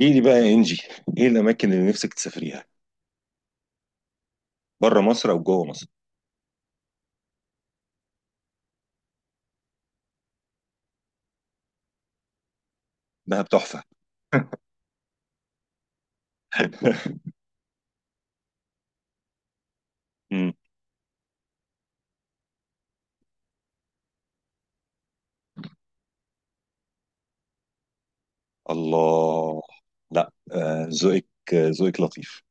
ايه دي بقى يا انجي؟ ايه الاماكن اللي نفسك تسافريها، بره مصر او جوه مصر؟ دهب تحفه. مم. الله. لا، ذوقك. ذوقك لطيف.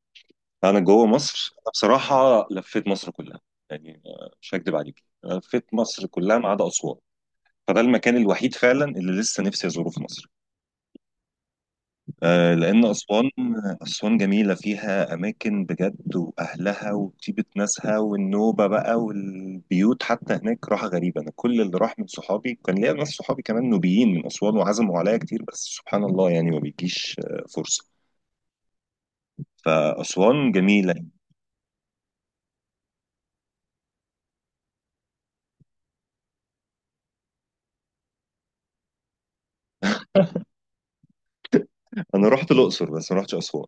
انا جوه مصر، انا بصراحه لفيت مصر كلها. يعني مش هكدب عليك، لفيت مصر كلها ما عدا اسوان. فده المكان الوحيد فعلا اللي لسه نفسي ازوره في مصر، لأن أسوان. أسوان جميلة، فيها أماكن بجد وأهلها وطيبة ناسها، والنوبة بقى والبيوت، حتى هناك راحة غريبة. أنا كل اللي راح من صحابي، كان ليا ناس صحابي كمان نوبيين من أسوان، وعزموا عليا كتير، بس سبحان الله يعني ما بيجيش فرصة. فأسوان جميلة. أنا رحت الأقصر بس ما رحتش أسوان.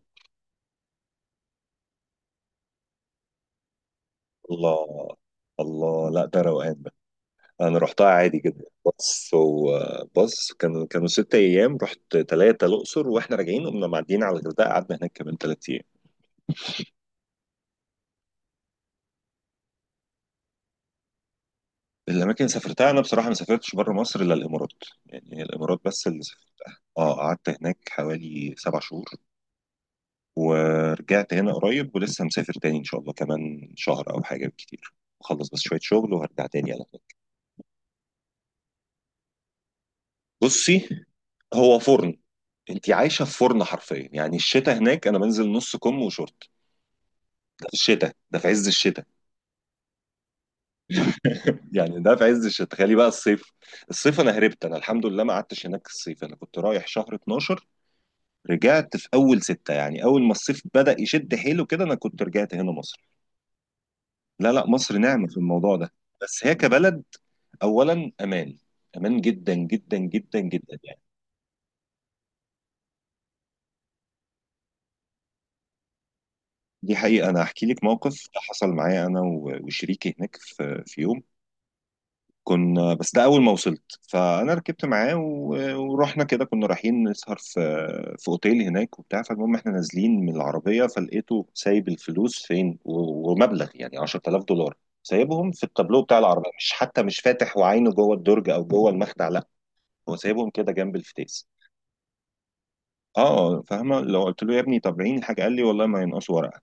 الله. الله، لا ده روقان. انا رحتها عادي جدا. بص وبص، كانوا 6 ايام. رحت ثلاثه الاقصر، واحنا راجعين قمنا معديين على الغردقه، قعدنا هناك كمان 3 ايام. الاماكن اللي سافرتها، انا بصراحه ما سافرتش بره مصر الا الامارات. يعني هي الامارات بس اللي سافرتها. اه، قعدت هناك حوالي 7 شهور ورجعت هنا قريب، ولسه مسافر تاني ان شاء الله كمان شهر او حاجه بالكتير. اخلص بس شويه شغل وهرجع تاني على هناك. بصي، هو فرن. انت عايشه في فرن حرفيا. يعني الشتاء هناك انا بنزل نص كم وشورت. ده في الشتاء، ده في عز الشتاء. يعني ده في عز الشتاء، تخيلي بقى الصيف. الصيف انا هربت. انا الحمد لله ما قعدتش هناك الصيف، انا كنت رايح شهر 12، رجعت في اول ستة. يعني اول ما الصيف بدأ يشد حيله كده انا كنت رجعت هنا مصر. لا لا، مصر نعمة في الموضوع ده. بس هي كبلد، اولا امان. امان جدا جدا جدا جدا يعني. دي حقيقة، انا هحكي لك موقف حصل معايا انا وشريكي هناك في يوم. كنا بس، ده اول ما وصلت، فانا ركبت معاه ورحنا كده، كنا رايحين نسهر في في اوتيل هناك وبتاع. فالمهم احنا نازلين من العربيه، فلقيته سايب الفلوس فين، ومبلغ يعني 10000 دولار سايبهم في التابلو بتاع العربيه، مش حتى مش فاتح وعينه جوه الدرج او جوه المخدع، لا. هو سايبهم كده جنب الفتيس. اه، فاهمه؟ لو قلت له يا ابني طب عين الحاجه، قال لي والله ما ينقصوا ورقه.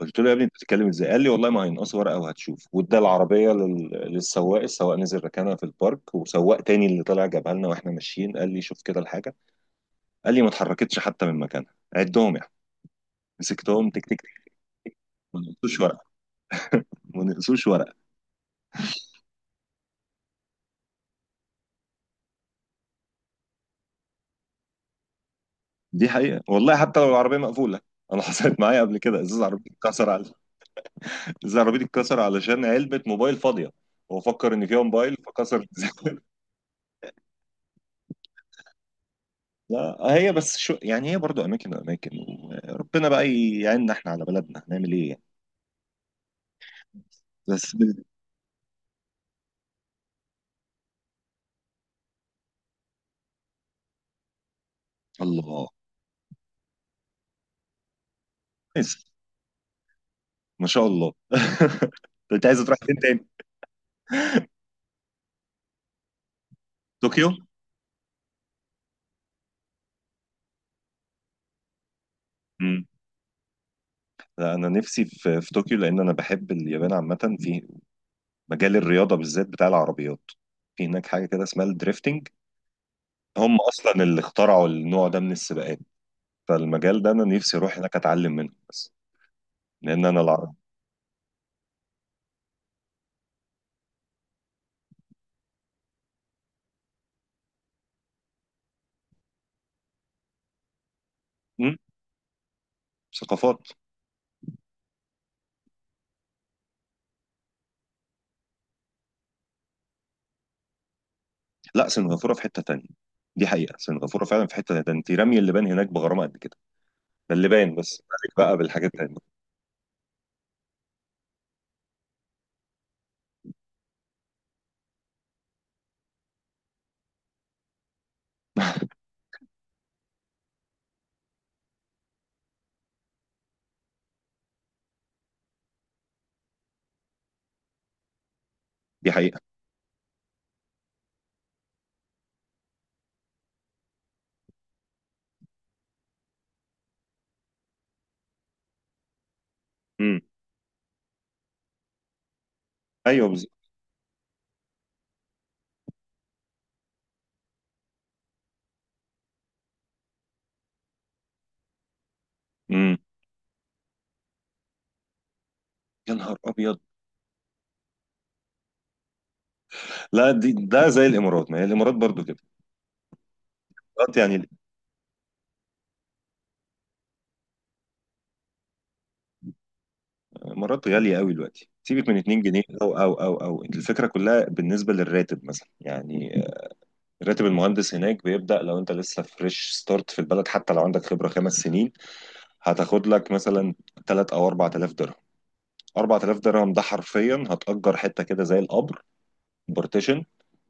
قلت له يا ابني انت بتتكلم ازاي؟ قال لي والله ما هينقصوا ورقه وهتشوف. وادى العربيه للسواق، السواق نزل ركنها في البارك، وسواق تاني اللي طلع جابها لنا. واحنا ماشيين قال لي شوف كده الحاجه. قال لي ما اتحركتش حتى من مكانها، عدهم يعني. مسكتهم، تك تك تك، ما نقصوش ورقه. ما نقصوش ورقه. دي حقيقه والله، حتى لو العربيه مقفوله. انا حصلت معايا قبل كده، ازاز عربيتي اتكسر على، ازاز عربيتي اتكسر علشان علبه موبايل فاضيه. هو فكر ان فيها موبايل فكسر. لا هي بس شو يعني، هي برضو اماكن واماكن، وربنا بقى يعيننا احنا على بلدنا، هنعمل ايه يعني. بس ب- الله. كويس. ما شاء الله. طب انت عايز تروح فين تاني؟ طوكيو. امم. لا انا نفسي في طوكيو، لان انا بحب اليابان عامه، في مجال الرياضه بالذات بتاع العربيات. في هناك حاجه كده اسمها الدريفتنج. هم اصلا اللي اخترعوا النوع ده من السباقات. فالمجال ده انا نفسي اروح هناك اتعلم منه بس. لان انا العربي. ثقافات. لا سنغافوره في حته تانية. دي حقيقه، سنغافوره فعلا في حته تانية، ده انت رمي اللبان هناك بغرامه قد كده. ده اللبان بس، عليك بقى بالحاجات التانية. دي حقيقه. امم. ايوه بالظبط. امم. يا نهار ابيض. لا دي ده زي الامارات، ما هي الامارات برضو كده. الامارات يعني، الامارات غاليه قوي دلوقتي. سيبك من 2 جنيه او الفكره كلها بالنسبه للراتب مثلا يعني. راتب المهندس هناك بيبدا لو انت لسه فريش ستارت في البلد، حتى لو عندك خبره 5 سنين، هتاخد لك مثلا 3 او 4000 درهم. 4000 درهم ده حرفيا هتأجر حته كده زي القبر. بارتيشن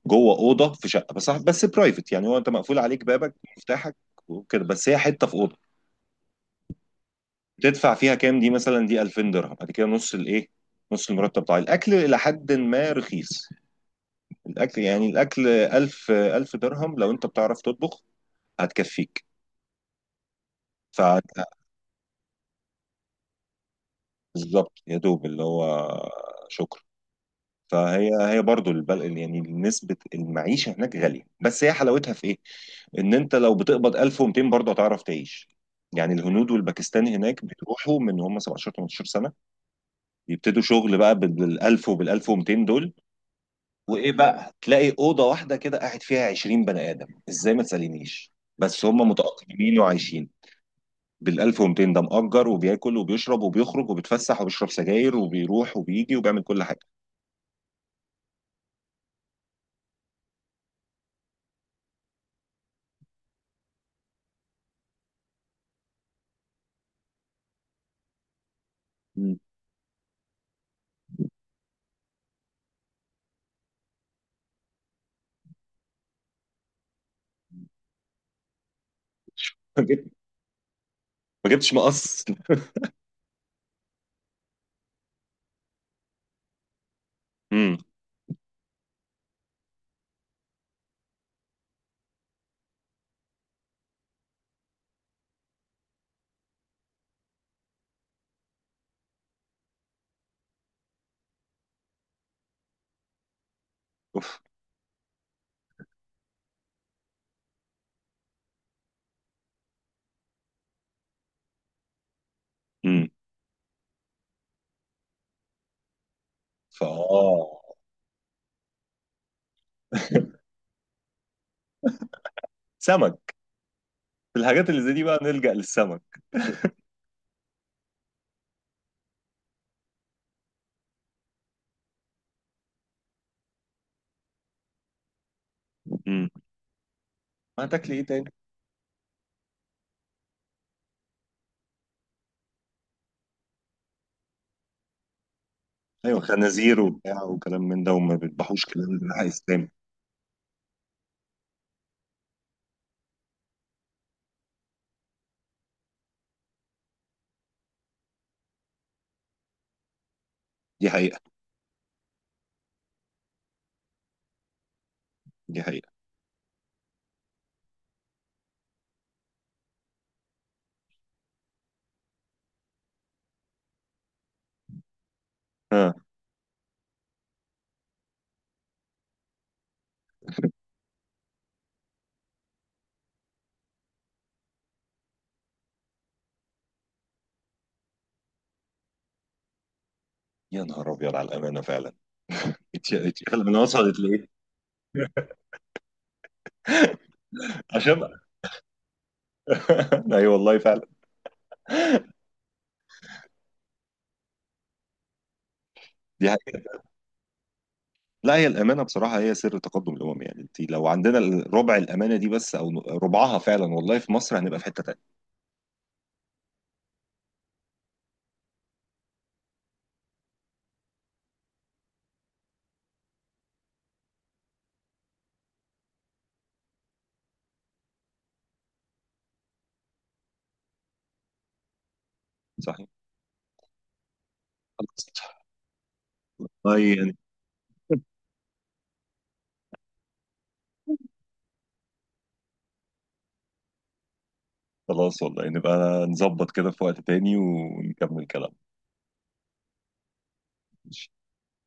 جوه اوضه في شقه، بس برايفت، يعني هو انت مقفول عليك بابك مفتاحك وكده، بس هي حته في اوضه. تدفع فيها كام دي مثلا؟ دي 2000 درهم. بعد كده نص الايه، نص المرتب بتاع الاكل، الى حد ما رخيص الاكل. يعني الاكل 1000 درهم لو انت بتعرف تطبخ هتكفيك. ف بالظبط يا دوب اللي هو. شكرا. فهي هي برضو يعني نسبة المعيشة هناك غالية، بس هي حلاوتها في ايه؟ ان انت لو بتقبض 1200 برضه هتعرف تعيش. يعني الهنود والباكستاني هناك بيروحوا من هم 17 18 سنة، يبتدوا شغل بقى بال 1000 وبال 1200 دول. وايه بقى، تلاقي أوضة واحدة كده قاعد فيها 20 بني آدم ازاي ما تسألينيش، بس هم متأقلمين وعايشين. بال 1200 ده مأجر وبياكل وبيشرب وبيخرج وبيتفسح وبيشرب سجاير وبيروح وبيجي وبيعمل كل حاجة. مم. ما جبت- ما جبتش مقص. امم. اوف. امم. فاه. سمك، في الحاجات اللي زي دي بقى نلجأ للسمك. امم. هتاكل ايه تاني؟ ايوه، خنازير وبتاع وكلام من ده، وما بيذبحوش، كلام ده حق اسلامي. دي حقيقة. دي حقيقة. ها. يا نهار ابيض على الامانة فعلا. اتشغل من وصلت ليه. عشان. اي والله فعلا. دي حقيقة. لا هي الامانه بصراحه هي سر تقدم الامم. يعني انت لو عندنا ربع الامانه دي بس، او ربعها فعلا والله، في مصر هنبقى في حته تانيه. صحيح. خلاص. طيب. خلاص والله نبقى نظبط كده في وقت تاني ونكمل كلام.